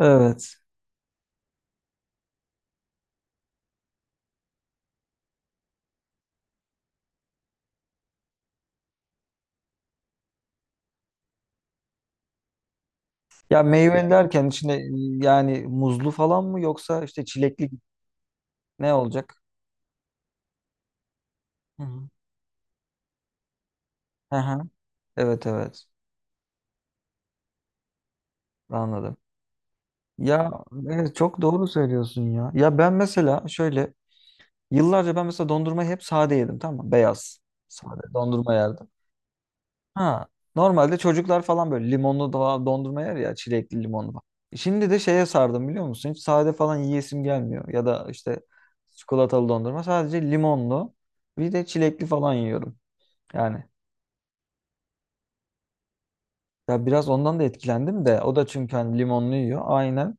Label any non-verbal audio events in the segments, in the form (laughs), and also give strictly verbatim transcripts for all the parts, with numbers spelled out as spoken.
Evet. Ya meyve yani derken içine yani muzlu falan mı yoksa işte çilekli ne olacak? Hı hı. Hı hı. Evet evet, anladım. Ya evet, çok doğru söylüyorsun ya. Ya ben mesela şöyle yıllarca ben mesela dondurmayı hep sade yedim, tamam mı? Beyaz sade dondurma yerdim. Ha, normalde çocuklar falan böyle limonlu falan dondurma yer ya, çilekli limonlu falan. Şimdi de şeye sardım, biliyor musun? Hiç sade falan yiyesim gelmiyor. Ya da işte çikolatalı dondurma, sadece limonlu bir de çilekli falan yiyorum. Yani ya biraz ondan da etkilendim de, o da çünkü hani limonlu yiyor, aynen.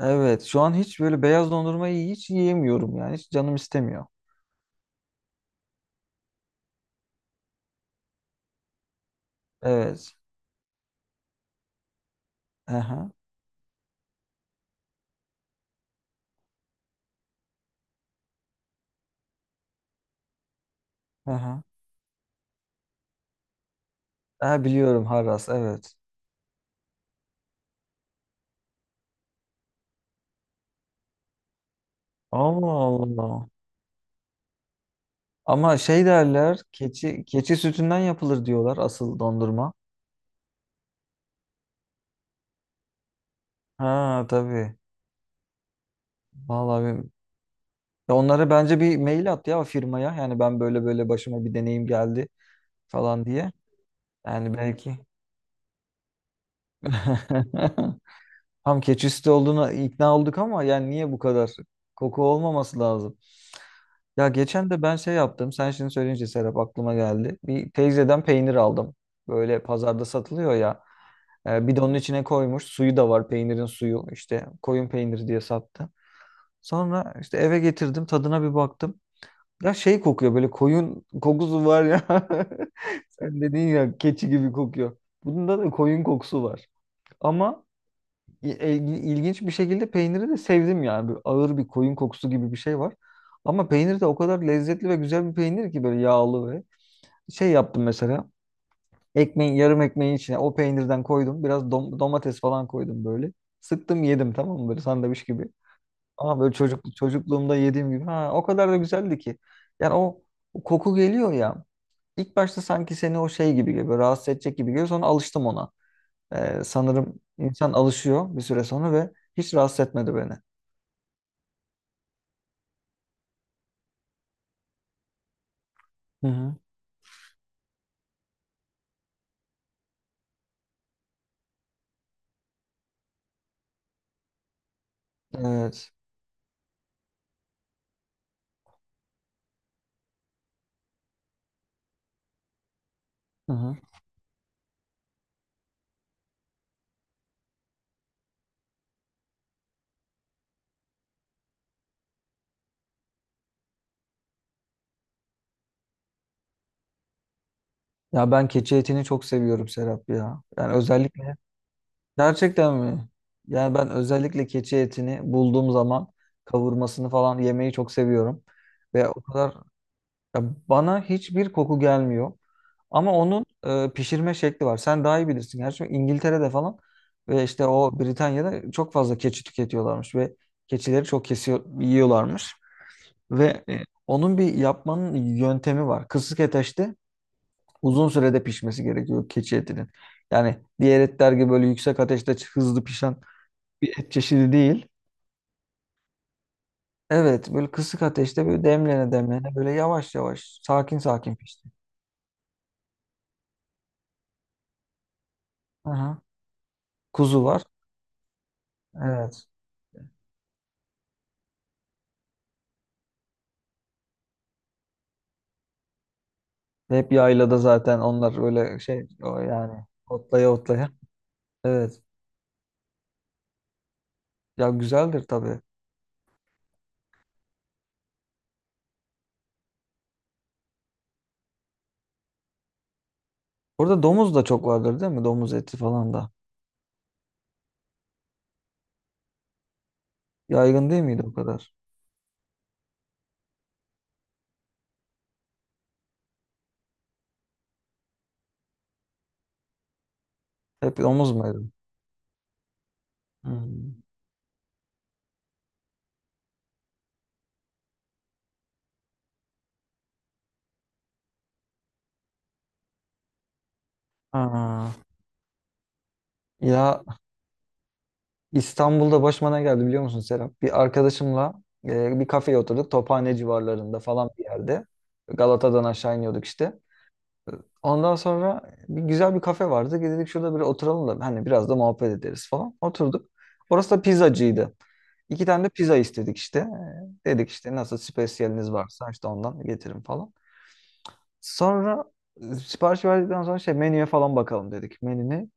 Evet, şu an hiç böyle beyaz dondurmayı hiç yiyemiyorum yani, hiç canım istemiyor. Evet. Aha, aha. Ha, biliyorum, Haras, evet. Allah Allah. Ama şey derler, keçi keçi sütünden yapılır diyorlar asıl dondurma. Ha, tabii. Vallahi ben- Ya, onlara bence bir mail at ya, firmaya. Yani ben böyle böyle başıma bir deneyim geldi falan diye. Yani belki. (laughs) Tam keçisti olduğuna ikna olduk ama yani niye bu kadar koku olmaması lazım? Ya geçen de ben şey yaptım. Sen şimdi söyleyince Serap aklıma geldi. Bir teyzeden peynir aldım. Böyle pazarda satılıyor ya. E, bidonun içine koymuş. Suyu da var. Peynirin suyu. İşte koyun peyniri diye sattı. Sonra işte eve getirdim. Tadına bir baktım. Ya şey kokuyor, böyle koyun kokusu var ya. (laughs) Sen dedin ya, keçi gibi kokuyor. Bunda da koyun kokusu var. Ama İ- e, ilginç bir şekilde peyniri de sevdim yani. Böyle ağır bir koyun kokusu gibi bir şey var. Ama peynir de o kadar lezzetli ve güzel bir peynir ki, böyle yağlı ve şey yaptım mesela. Ekmeğin yarım ekmeğin içine o peynirden koydum. Biraz dom- domates falan koydum böyle. Sıktım yedim, tamam mı, böyle sandviç gibi. Ama böyle çocuk çocukluğumda yediğim gibi. Ha, o kadar da güzeldi ki. Yani o, o koku geliyor ya. İlk başta sanki seni o şey gibi geliyor. Rahatsız edecek gibi geliyor. Sonra alıştım ona. Ee, sanırım insan alışıyor bir süre sonra ve hiç rahatsız etmedi beni. Hı hı. Evet. Hı hı. Ya ben keçi etini çok seviyorum, Serap ya. Yani özellikle... Gerçekten mi? Yani ben özellikle keçi etini bulduğum zaman kavurmasını falan yemeyi çok seviyorum. Ve o kadar... Ya bana hiçbir koku gelmiyor. Ama onun e, pişirme şekli var. Sen daha iyi bilirsin. Gerçi İngiltere'de falan ve işte o Britanya'da çok fazla keçi tüketiyorlarmış ve keçileri çok kesiyor, yiyorlarmış. Ve e, onun bir yapmanın yöntemi var. Kısık ateşte uzun sürede pişmesi gerekiyor keçi etinin. Yani diğer etler gibi böyle yüksek ateşte hızlı pişen bir et çeşidi değil. Evet, böyle kısık ateşte böyle demlene demlene böyle yavaş yavaş sakin sakin pişti. Aha. Kuzu var. Evet. Hep yaylada zaten onlar öyle şey o yani otlaya otlaya. Evet. Ya, güzeldir tabii. Orada domuz da çok vardır değil mi? Domuz eti falan da. Yaygın değil miydi o kadar? Hep domuz muydu? Hmm. Ha. Ya İstanbul'da başıma ne geldi biliyor musun Serap? Bir arkadaşımla e, bir kafeye oturduk. Tophane civarlarında falan bir yerde. Galata'dan aşağı iniyorduk işte. Ondan sonra bir güzel bir kafe vardı. Dedik, şurada bir oturalım da hani biraz da muhabbet ederiz falan. Oturduk. Orası da pizzacıydı. İki tane de pizza istedik işte. Ee, Dedik işte, nasıl spesiyeliniz varsa işte ondan getirin falan. Sonra e, sipariş verdikten sonra şey, menüye falan bakalım dedik, menüne.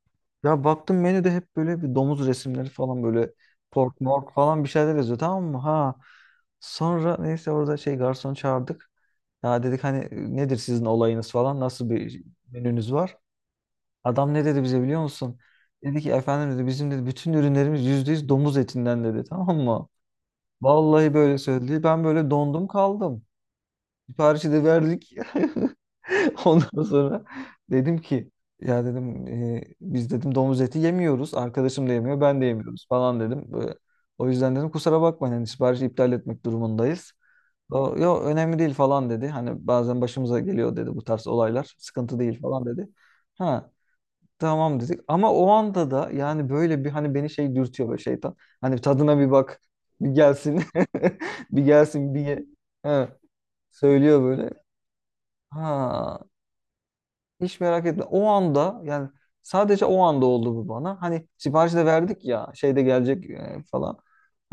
Ya baktım menüde hep böyle bir domuz resimleri falan, böyle pork mork falan bir şeyler yazıyor, tamam mı? Ha. Sonra neyse orada şey, garson çağırdık. Ya dedik hani, e, nedir sizin olayınız falan, nasıl bir menünüz var? Adam ne dedi bize biliyor musun? Dedi ki, efendim dedi, bizim dedi bütün ürünlerimiz yüzde yüz domuz etinden, dedi, tamam mı? Vallahi böyle söyledi. Ben böyle dondum kaldım. Siparişi de verdik. (laughs) Ondan sonra dedim ki, ya dedim, e, biz dedim domuz eti yemiyoruz. Arkadaşım da yemiyor, ben de yemiyoruz falan dedim. Böyle, o yüzden dedim kusura bakmayın hani, siparişi iptal etmek durumundayız. O, yo önemli değil falan dedi. Hani bazen başımıza geliyor dedi bu tarz olaylar. Sıkıntı değil falan dedi. Ha, tamam dedik. Ama o anda da yani böyle bir hani beni şey dürtüyor böyle, şeytan. Hani tadına bir bak, bir gelsin. (laughs) Bir gelsin, bir ye. Ha, söylüyor böyle. Ha, hiç merak etme. O anda yani sadece o anda oldu bu bana. Hani siparişi de verdik ya, şeyde gelecek e, falan.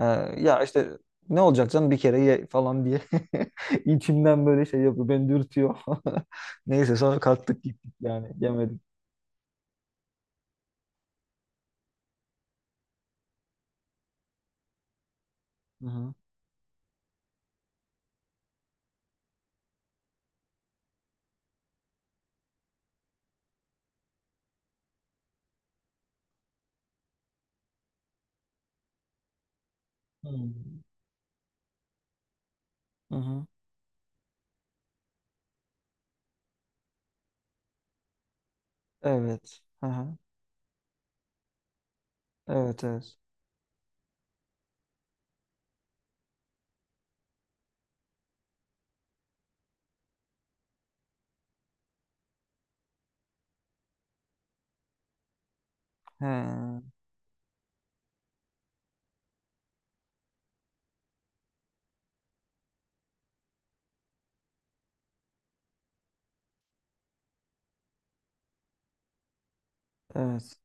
E, ya işte ne olacak canım, bir kere ye falan diye (laughs) içimden böyle şey yapıyor. Beni dürtüyor. (laughs) Neyse sonra kalktık gittik yani, yemedik. Hı hı. Hmm. Hı hı. Evet. Hı hı. Evet evet. He, evet.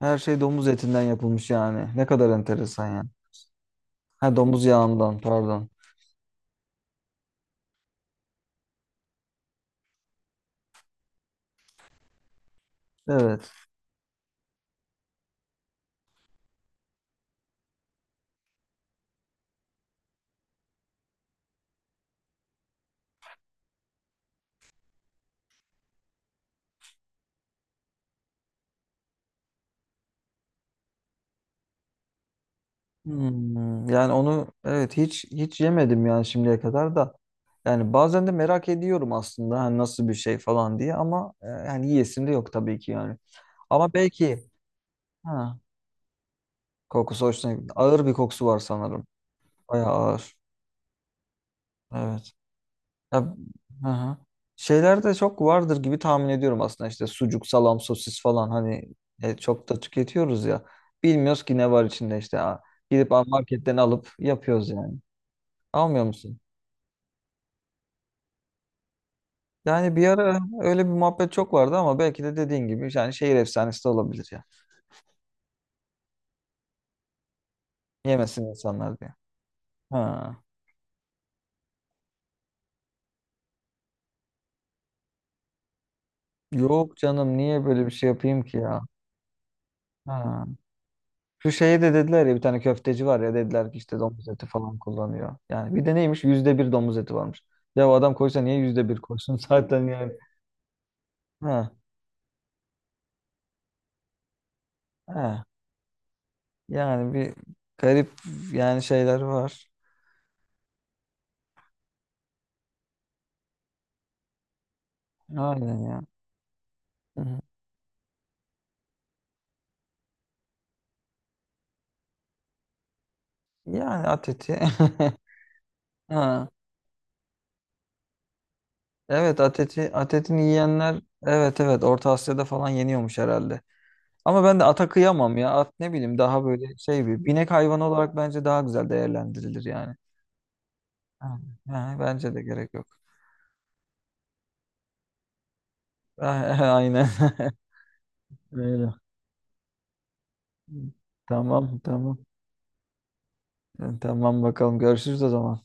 Her şey domuz etinden yapılmış yani. Ne kadar enteresan yani. Ha, domuz yağından, pardon. Evet. Hmm, yani onu evet hiç hiç yemedim yani şimdiye kadar da. Yani bazen de merak ediyorum aslında hani nasıl bir şey falan diye ama, e, yani yiyesim de yok tabii ki yani. Ama belki, ha, kokusu hoşuna gitti. Ağır bir kokusu var sanırım. Bayağı ağır. Evet. Ya, hı hı. Şeyler de çok vardır gibi tahmin ediyorum aslında, işte sucuk, salam, sosis falan hani, e, çok da tüketiyoruz ya. Bilmiyoruz ki ne var içinde işte. Ha, gidip marketten alıp yapıyoruz yani. Almıyor musun? Yani bir ara öyle bir muhabbet çok vardı ama belki de dediğin gibi yani şehir efsanesi de olabilir ya. Yemesin insanlar diye. Ha. Yok canım, niye böyle bir şey yapayım ki ya? Ha. Şu şeye de dediler ya, bir tane köfteci var ya, dediler ki işte domuz eti falan kullanıyor. Yani bir de neymiş, yüzde bir domuz eti varmış. Ya o adam koysa niye yüzde bir koysun (laughs) zaten yani. Ha. Ha. Yani bir garip yani şeyler var. Aynen ya. Hı hı. Yani at eti. (laughs) Ha. Evet, at eti, at etini yiyenler evet evet Orta Asya'da falan yeniyormuş herhalde. Ama ben de ata kıyamam ya. At, ne bileyim, daha böyle şey, bir binek hayvanı olarak bence daha güzel değerlendirilir yani. Ha, ha, bence de gerek yok. (laughs) Aynen. (laughs) Öyle. Tamam tamam. Tamam bakalım görüşürüz o zaman.